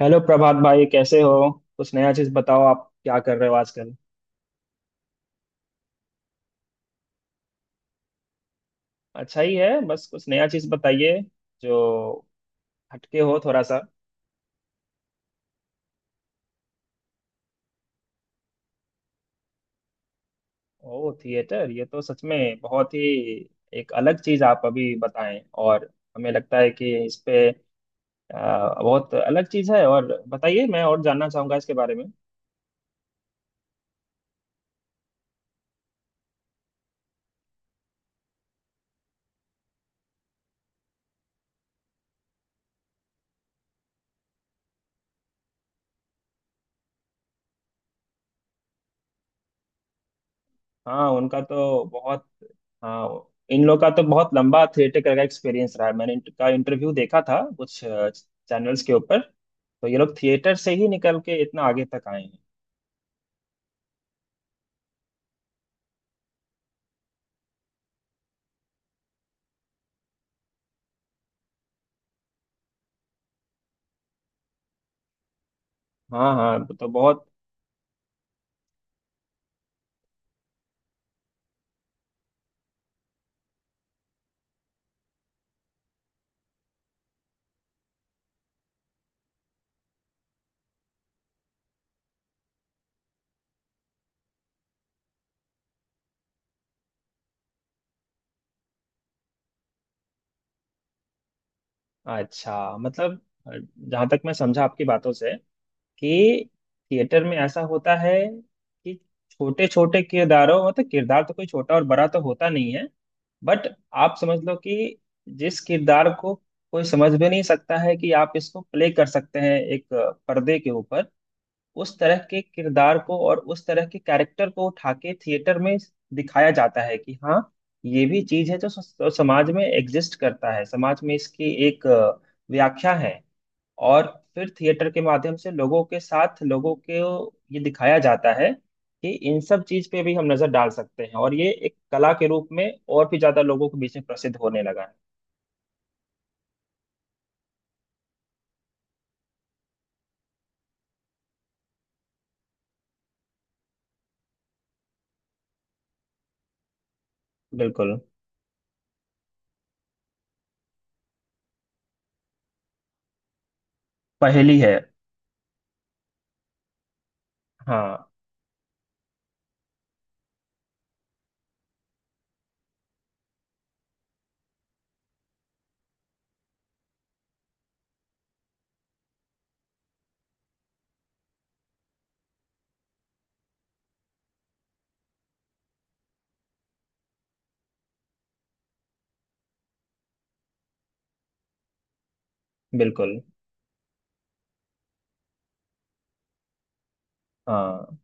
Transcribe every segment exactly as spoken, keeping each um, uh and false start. Hello Prabhat भाई, कैसे हो? कुछ नया चीज बताओ, आप क्या कर रहे हो आजकल? अच्छा ही है। बस कुछ नया चीज बताइए जो हटके हो थोड़ा सा। ओह थिएटर, ये तो सच में बहुत ही एक अलग चीज। आप अभी बताएं और हमें लगता है कि इस पे अ, बहुत अलग चीज है। और बताइए, मैं और जानना चाहूंगा इसके बारे में। हाँ, उनका तो बहुत। हाँ, इन लोग का तो बहुत लंबा थिएटर का एक्सपीरियंस रहा है। मैंने इनका इंटरव्यू देखा था कुछ चैनल्स के ऊपर। तो ये लोग थिएटर से ही निकल के इतना आगे तक आए हैं। हाँ हाँ, तो बहुत अच्छा। मतलब जहां तक मैं समझा आपकी बातों से कि थिएटर में ऐसा होता है कि छोटे छोटे किरदारों, मतलब किरदार तो कोई छोटा और बड़ा तो होता नहीं है, बट आप समझ लो कि जिस किरदार को कोई समझ भी नहीं सकता है कि आप इसको प्ले कर सकते हैं एक पर्दे के ऊपर, उस तरह के किरदार को और उस तरह के कैरेक्टर को उठा के थिएटर में दिखाया जाता है कि हाँ, ये भी चीज है जो स- समाज में एग्जिस्ट करता है। समाज में इसकी एक अ, व्याख्या है और फिर थिएटर के माध्यम से लोगों के साथ, लोगों को ये दिखाया जाता है कि इन सब चीज पे भी हम नजर डाल सकते हैं। और ये एक कला के रूप में और भी ज्यादा लोगों के बीच में प्रसिद्ध होने लगा है। बिल्कुल। पहेली है। हाँ। बिल्कुल। हाँ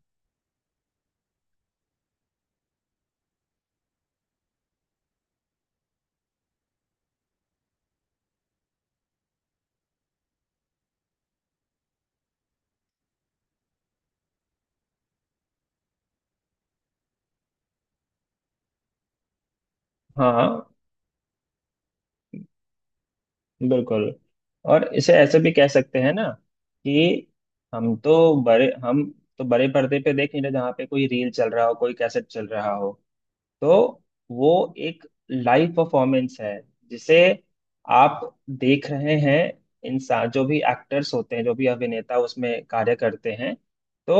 हाँ। हाँ। बिल्कुल। और इसे ऐसे भी कह सकते हैं ना कि हम तो बड़े हम तो बड़े पर्दे पे देख नहीं रहे जहाँ पे कोई रील चल रहा हो, कोई कैसेट चल रहा हो। तो वो एक लाइव परफॉर्मेंस है जिसे आप देख रहे हैं। इंसान जो भी एक्टर्स होते हैं, जो भी अभिनेता उसमें कार्य करते हैं, तो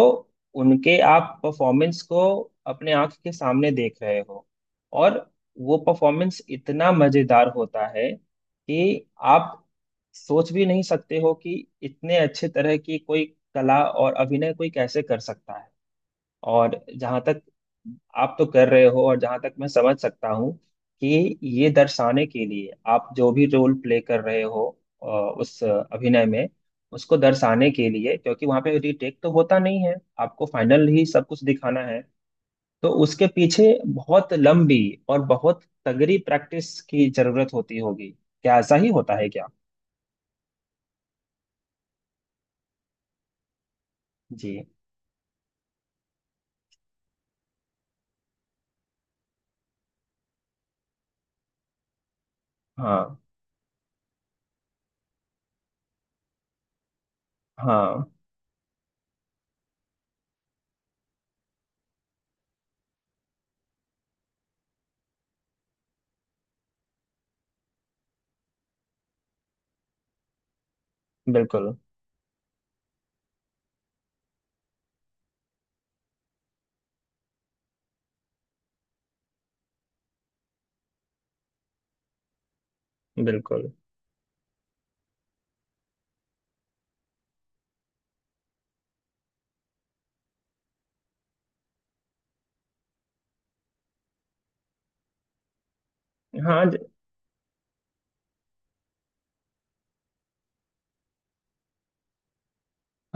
उनके आप परफॉर्मेंस को अपने आंख के सामने देख रहे हो। और वो परफॉर्मेंस इतना मजेदार होता है कि आप सोच भी नहीं सकते हो कि इतने अच्छे तरह की कोई कला और अभिनय कोई कैसे कर सकता है। और जहां तक आप तो कर रहे हो, और जहां तक मैं समझ सकता हूँ कि ये दर्शाने के लिए आप जो भी रोल प्ले कर रहे हो, अ, उस अभिनय में उसको दर्शाने के लिए, क्योंकि वहां पे रीटेक तो होता नहीं है, आपको फाइनल ही सब कुछ दिखाना है। तो उसके पीछे बहुत लंबी और बहुत तगड़ी प्रैक्टिस की जरूरत होती होगी। क्या ऐसा ही होता है क्या? जी। हाँ हाँ। बिल्कुल बिल्कुल। हाँ।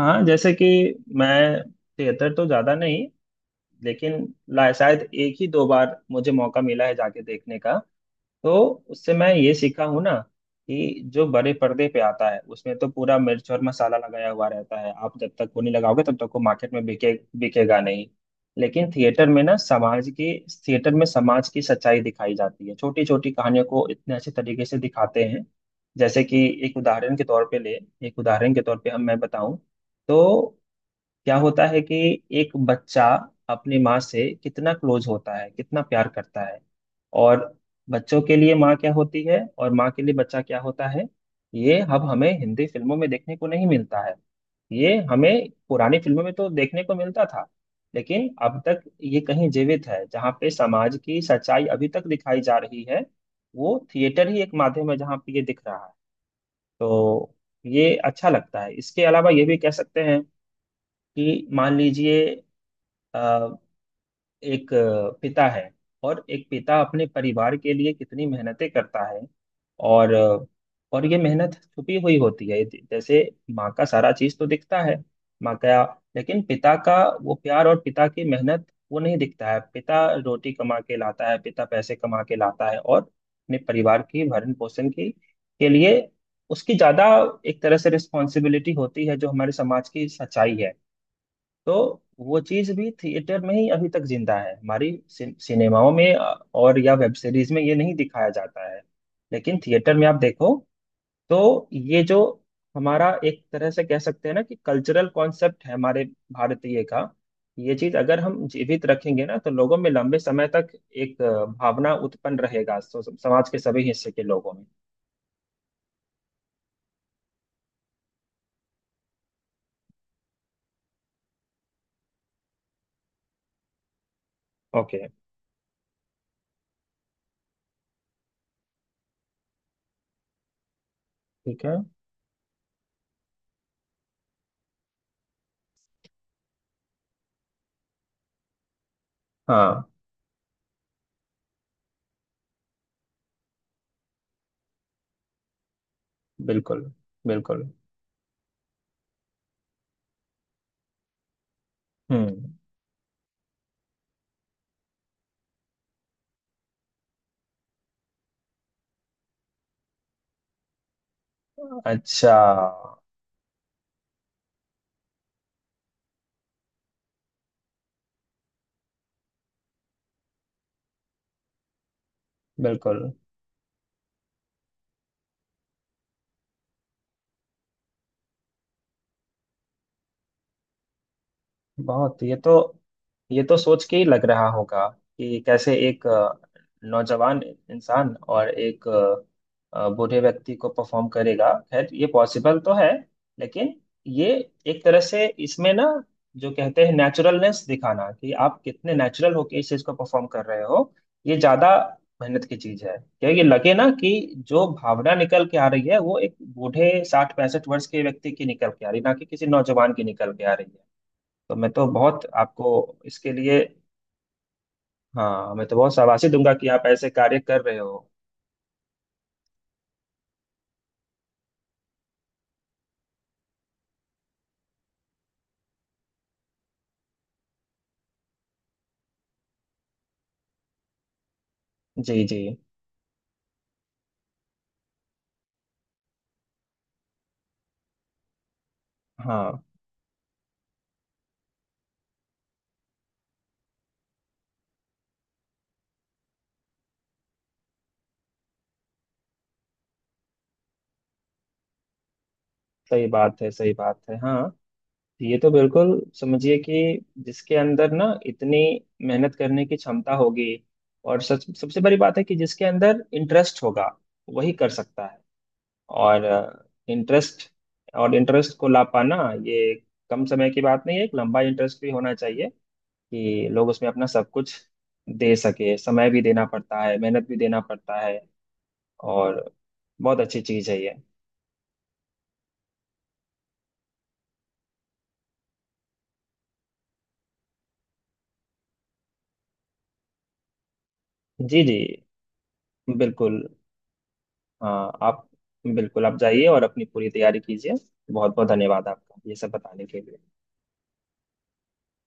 हाँ जैसे कि मैं थिएटर तो ज्यादा नहीं, लेकिन ला- शायद एक ही दो बार मुझे मौका मिला है जाके देखने का। तो उससे मैं ये सीखा हूँ ना कि जो बड़े पर्दे पे आता है उसमें तो पूरा मिर्च और मसाला लगाया हुआ रहता है। आप जब तक वो नहीं लगाओगे तब तक वो मार्केट में बिके बिकेगा नहीं। लेकिन थिएटर में ना समाज की थिएटर में समाज की सच्चाई दिखाई जाती है, छोटी छोटी कहानियों को इतने अच्छे तरीके से दिखाते हैं। जैसे कि एक उदाहरण के तौर पे ले, एक उदाहरण के तौर पे हम मैं बताऊं तो क्या होता है कि एक बच्चा अपनी माँ से कितना क्लोज होता है, कितना प्यार करता है। और बच्चों के लिए माँ क्या होती है और माँ के लिए बच्चा क्या होता है, ये अब हमें हिंदी फिल्मों में देखने को नहीं मिलता है। ये हमें पुरानी फिल्मों में तो देखने को मिलता था। लेकिन अब तक ये कहीं जीवित है जहाँ पे समाज की सच्चाई अभी तक दिखाई जा रही है, वो थिएटर ही एक माध्यम है जहाँ पे ये दिख रहा है। तो ये अच्छा लगता है। इसके अलावा ये भी कह सकते हैं कि मान लीजिए अ, एक अ, पिता है और एक पिता अपने परिवार के लिए कितनी मेहनतें करता है। और अ, और ये मेहनत छुपी हुई होती है। जैसे माँ का सारा चीज तो दिखता है, माँ का। लेकिन पिता का वो प्यार और पिता की मेहनत, वो नहीं दिखता है। पिता रोटी कमा के लाता है, पिता पैसे कमा के लाता है, और अपने परिवार की भरण पोषण की के लिए उसकी ज्यादा एक तरह से रिस्पॉन्सिबिलिटी होती है, जो हमारे समाज की सच्चाई है। तो वो चीज भी थिएटर में ही अभी तक जिंदा है। हमारी सिन- सिनेमाओं में अ, और या वेब सीरीज में ये नहीं दिखाया जाता है, लेकिन थिएटर में आप देखो। तो ये जो हमारा एक तरह से कह सकते हैं ना कि कल्चरल कॉन्सेप्ट है हमारे भारतीय का, ये चीज अगर हम जीवित रखेंगे ना तो लोगों में लंबे समय तक एक अ, भावना उत्पन्न रहेगा सो, समाज के सभी हिस्से के लोगों में। ओके। ठीक है। हाँ। बिल्कुल बिल्कुल। हम्म। अच्छा। बिल्कुल। बहुत। ये तो, ये तो सोच के ही लग रहा होगा कि कैसे एक अ, नौजवान इंसान और एक अ, अ, बूढ़े व्यक्ति को परफॉर्म करेगा। खैर, ये पॉसिबल तो है, लेकिन ये एक तरह से इसमें ना जो कहते हैं नेचुरलनेस दिखाना कि आप कितने नेचुरल होके इस चीज को परफॉर्म कर रहे हो, ये ज्यादा मेहनत की चीज है। क्योंकि लगे ना कि जो भावना निकल के आ रही है वो एक बूढ़े साठ पैंसठ वर्ष के व्यक्ति की निकल के आ रही है, ना कि किसी नौजवान की निकल के आ रही है। तो मैं तो बहुत आपको इसके लिए, हाँ मैं तो बहुत शाबाशी दूंगा कि आप ऐसे कार्य कर रहे हो। जी जी। हाँ। सही बात है, सही बात है। हाँ, ये तो बिल्कुल समझिए कि जिसके अंदर ना इतनी मेहनत करने की क्षमता होगी, और सच सबसे बड़ी बात है कि जिसके अंदर इंटरेस्ट होगा, वही कर सकता है। और इंटरेस्ट, और इंटरेस्ट को ला पाना, ये कम समय की बात नहीं है। एक लंबा इंटरेस्ट भी होना चाहिए कि लोग उसमें अपना सब कुछ दे सके। समय भी देना पड़ता है, मेहनत भी देना पड़ता है। और बहुत अच्छी चीज़ है ये। जी जी। बिल्कुल। हाँ, आप बिल्कुल आप जाइए और अपनी पूरी तैयारी कीजिए। बहुत बहुत धन्यवाद आपका ये सब बताने के लिए।